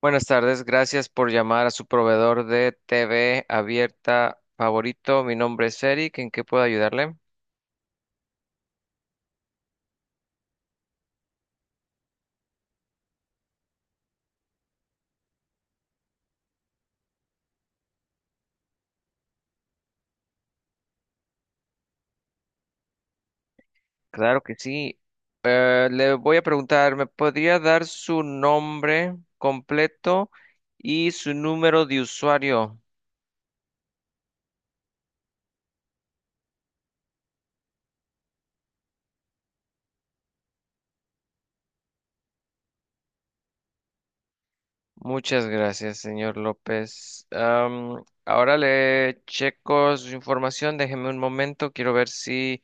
Buenas tardes, gracias por llamar a su proveedor de TV abierta favorito. Mi nombre es Eric, ¿en qué puedo ayudarle? Claro que sí. Le voy a preguntar, ¿me podría dar su nombre completo y su número de usuario? Muchas gracias, señor López. Ahora le checo su información, déjeme un momento, quiero ver si.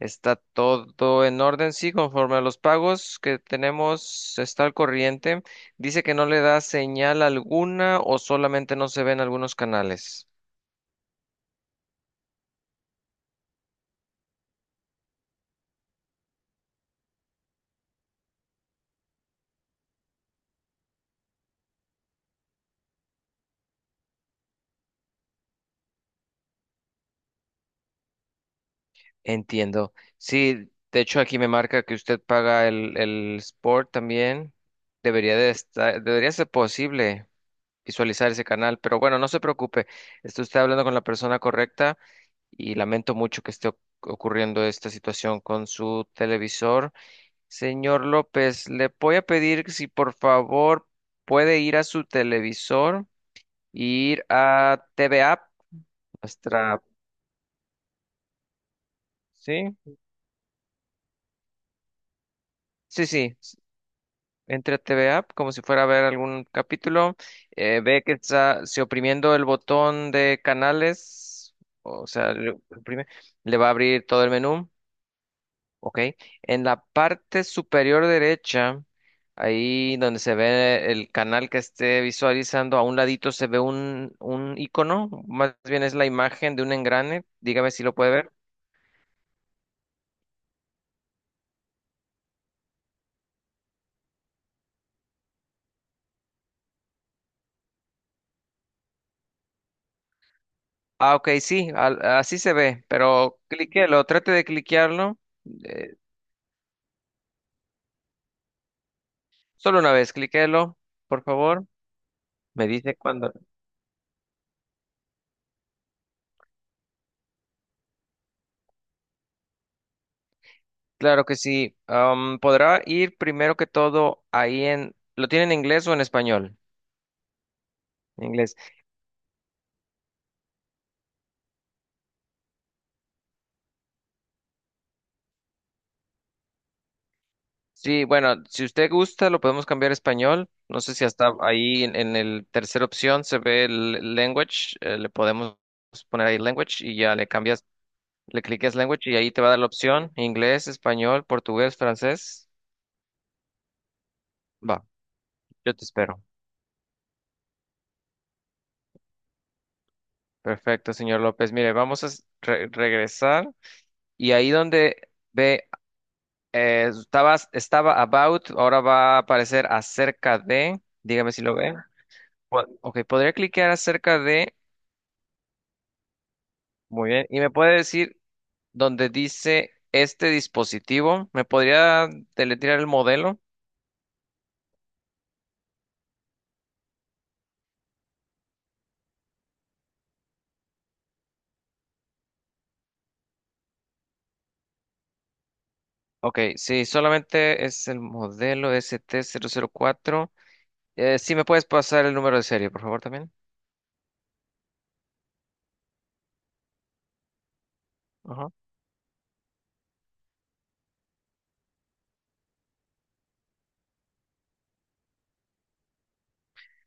Está todo en orden, sí, conforme a los pagos que tenemos, está al corriente. Dice que no le da señal alguna o solamente no se ven algunos canales. Entiendo. Sí, de hecho aquí me marca que usted paga el Sport también. Debería de estar, debería ser posible visualizar ese canal, pero bueno, no se preocupe. Está usted hablando con la persona correcta y lamento mucho que esté ocurriendo esta situación con su televisor. Señor López, le voy a pedir si por favor puede ir a su televisor y ir a TV App, nuestra, sí, sí, sí, entre a TV App como si fuera a ver algún capítulo, ve que está si oprimiendo el botón de canales, o sea, oprime, le va a abrir todo el menú. Ok, en la parte superior derecha, ahí donde se ve el canal que esté visualizando, a un ladito se ve un icono, más bien es la imagen de un engrane, dígame si lo puede ver. Ah, ok, sí, así se ve, pero cliquélo, trate de cliquearlo, eh, solo una vez, cliquélo, por favor. Me dice cuándo. Claro que sí, podrá ir primero que todo ahí en, ¿lo tiene en inglés o en español? En inglés. Sí, bueno, si usted gusta, lo podemos cambiar a español. No sé si hasta ahí en el tercera opción se ve el language. Le podemos poner ahí language y ya le cambias, le cliques language y ahí te va a dar la opción inglés, español, portugués, francés. Va, yo te espero. Perfecto, señor López. Mire, vamos a regresar y ahí donde ve, estaba about, ahora va a aparecer acerca de. Dígame si lo ve. Ok, podría cliquear acerca de. Muy bien. ¿Y me puede decir dónde dice este dispositivo? ¿Me podría deletrear el modelo? Ok, sí, solamente es el modelo ST004. Sí, ¿me puedes pasar el número de serie, por favor, también? Ajá.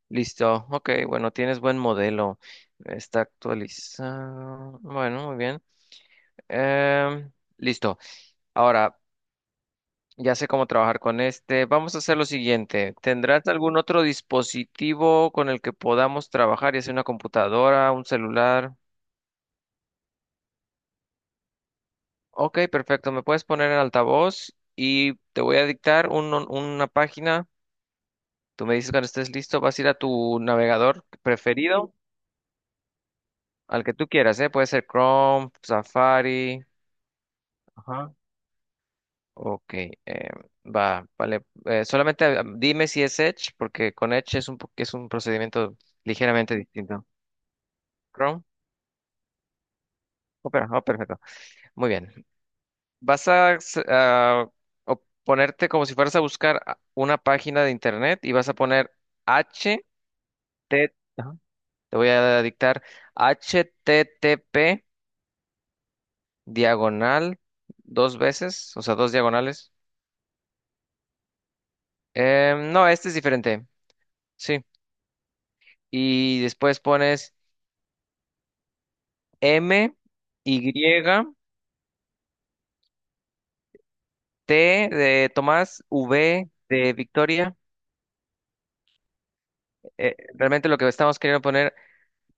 Listo. Ok, bueno, tienes buen modelo. Está actualizado. Bueno, muy bien. Em, Listo. Ahora, ya sé cómo trabajar con este. Vamos a hacer lo siguiente. ¿Tendrás algún otro dispositivo con el que podamos trabajar, ya sea una computadora, un celular? Ok, perfecto. Me puedes poner en altavoz y te voy a dictar una página. Tú me dices cuando estés listo, vas a ir a tu navegador preferido, al que tú quieras, ¿eh? Puede ser Chrome, Safari. Ajá. Ok, va, vale. Solamente dime si es Edge, porque con Edge es un procedimiento ligeramente distinto. Chrome. Opera, perfecto. Muy bien. Vas a ponerte como si fueras a buscar una página de internet y vas a poner H ajá, te voy a dictar h t t p diagonal dos veces, o sea, dos diagonales. No, este es diferente. Sí. Y después pones M Y T de Tomás, V de Victoria. Realmente lo que estamos queriendo poner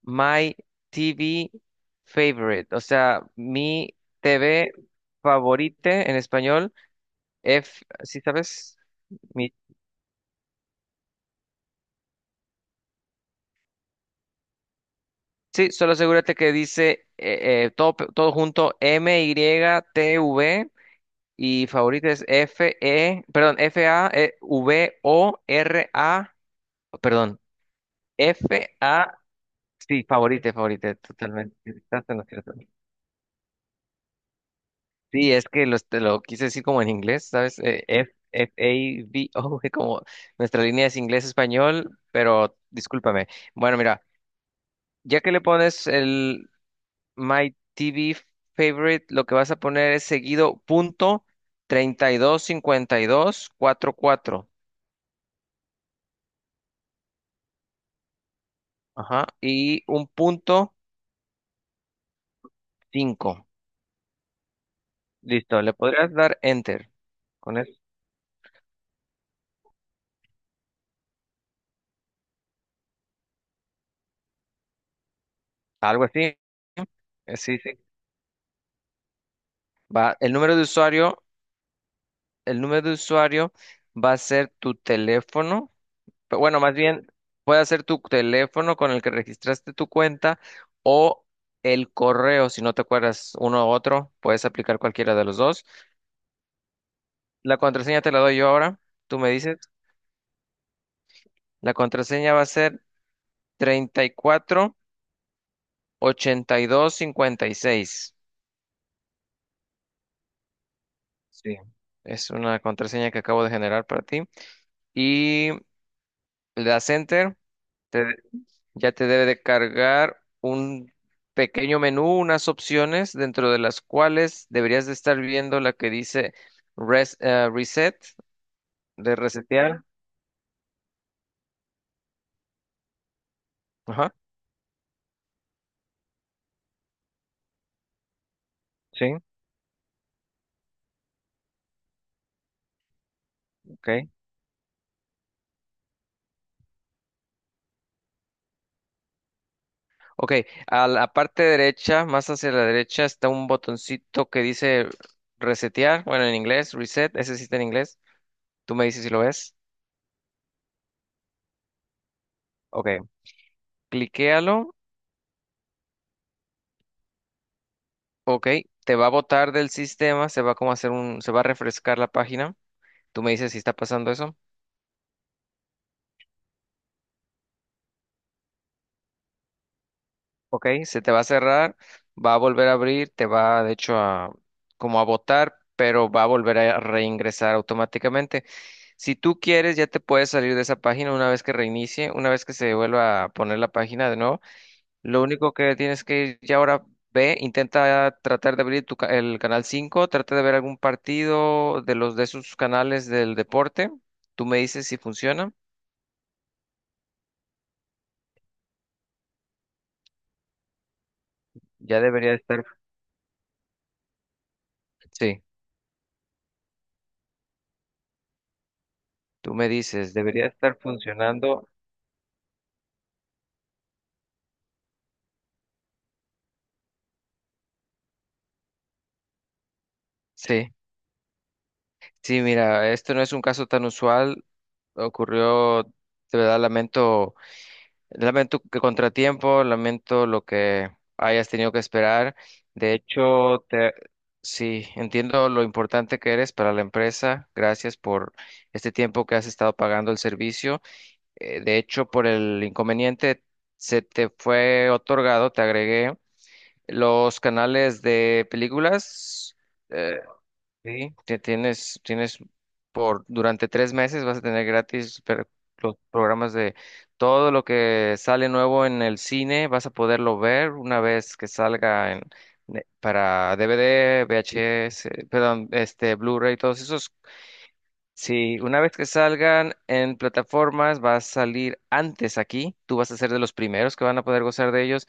My TV favorite, o sea, mi TV favorite en español, F, ¿sí sabes? Mi, sí, solo asegúrate que dice todo, todo junto M-Y-T-V y T V y favorita es F-E, perdón, F-A-V-O-R-A, perdón, F-A, sí, favorite, favorite, totalmente, estás en lo cierto. Sí, es que te lo quise decir como en inglés, ¿sabes? F, F A B O, como nuestra línea es inglés-español, pero discúlpame. Bueno, mira, ya que le pones el My TV Favorite, lo que vas a poner es seguido punto treinta y dos cincuenta y dos dos cincuenta cuatro, ajá, y un punto 5. Listo, le podrías dar Enter. Con eso, algo así. Sí, sí. Va, el número de usuario va a ser tu teléfono, bueno, más bien puede ser tu teléfono con el que registraste tu cuenta o el correo, si no te acuerdas uno u otro, puedes aplicar cualquiera de los dos. La contraseña te la doy yo ahora, tú me dices, la contraseña va a ser treinta y cuatro ochenta y dos cincuenta y seis. Sí, es una contraseña que acabo de generar para ti. Y le das enter. Ya te debe de cargar un pequeño menú, unas opciones dentro de las cuales deberías de estar viendo la que dice reset, de resetear. Ajá, sí, ok. Ok, a la parte derecha, más hacia la derecha, está un botoncito que dice resetear, bueno, en inglés, reset, ese sí está en inglés. Tú me dices si lo ves. Ok, cliquéalo. Ok, te va a botar del sistema, se va a refrescar la página. Tú me dices si está pasando eso. Ok, se te va a cerrar, va a volver a abrir, te va de hecho a como a botar, pero va a volver a reingresar automáticamente. Si tú quieres, ya te puedes salir de esa página una vez que reinicie, una vez que se vuelva a poner la página de nuevo. Lo único que tienes que ya ahora ve, intenta tratar de abrir tu el canal 5, trata de ver algún partido de los de esos canales del deporte. Tú me dices si funciona. Ya debería estar. Sí, tú me dices, debería estar funcionando. Sí. Sí, mira, este no es un caso tan usual. Ocurrió, de verdad, lamento que contratiempo, lamento lo que hayas tenido que esperar. De hecho, sí, entiendo lo importante que eres para la empresa. Gracias por este tiempo que has estado pagando el servicio. De hecho, por el inconveniente, se te fue otorgado, te agregué los canales de películas. eh, Sí, tienes por durante 3 meses vas a tener gratis los programas de todo lo que sale nuevo en el cine, vas a poderlo ver una vez que salga para DVD, VHS, perdón, este Blu-ray, todos esos. Sí, una vez que salgan en plataformas, va a salir antes aquí. Tú vas a ser de los primeros que van a poder gozar de ellos.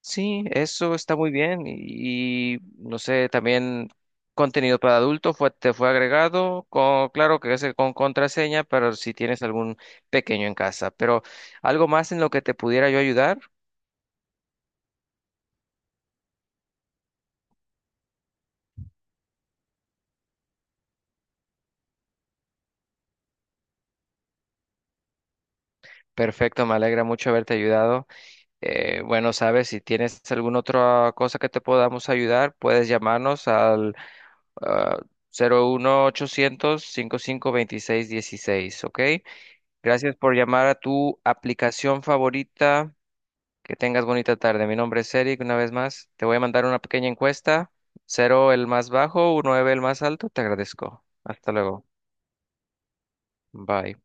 Sí, eso está muy bien y, no sé, también contenido para adultos te fue agregado, con, claro que es con contraseña, pero si tienes algún pequeño en casa, pero algo más en lo que te pudiera yo ayudar, perfecto, me alegra mucho haberte ayudado. Bueno, sabes, si tienes alguna otra cosa que te podamos ayudar, puedes llamarnos al ah, 01800-552616, ¿ok? Gracias por llamar a tu aplicación favorita. Que tengas bonita tarde. Mi nombre es Eric, una vez más. Te voy a mandar una pequeña encuesta. Cero el más bajo, nueve el más alto. Te agradezco. Hasta luego. Bye.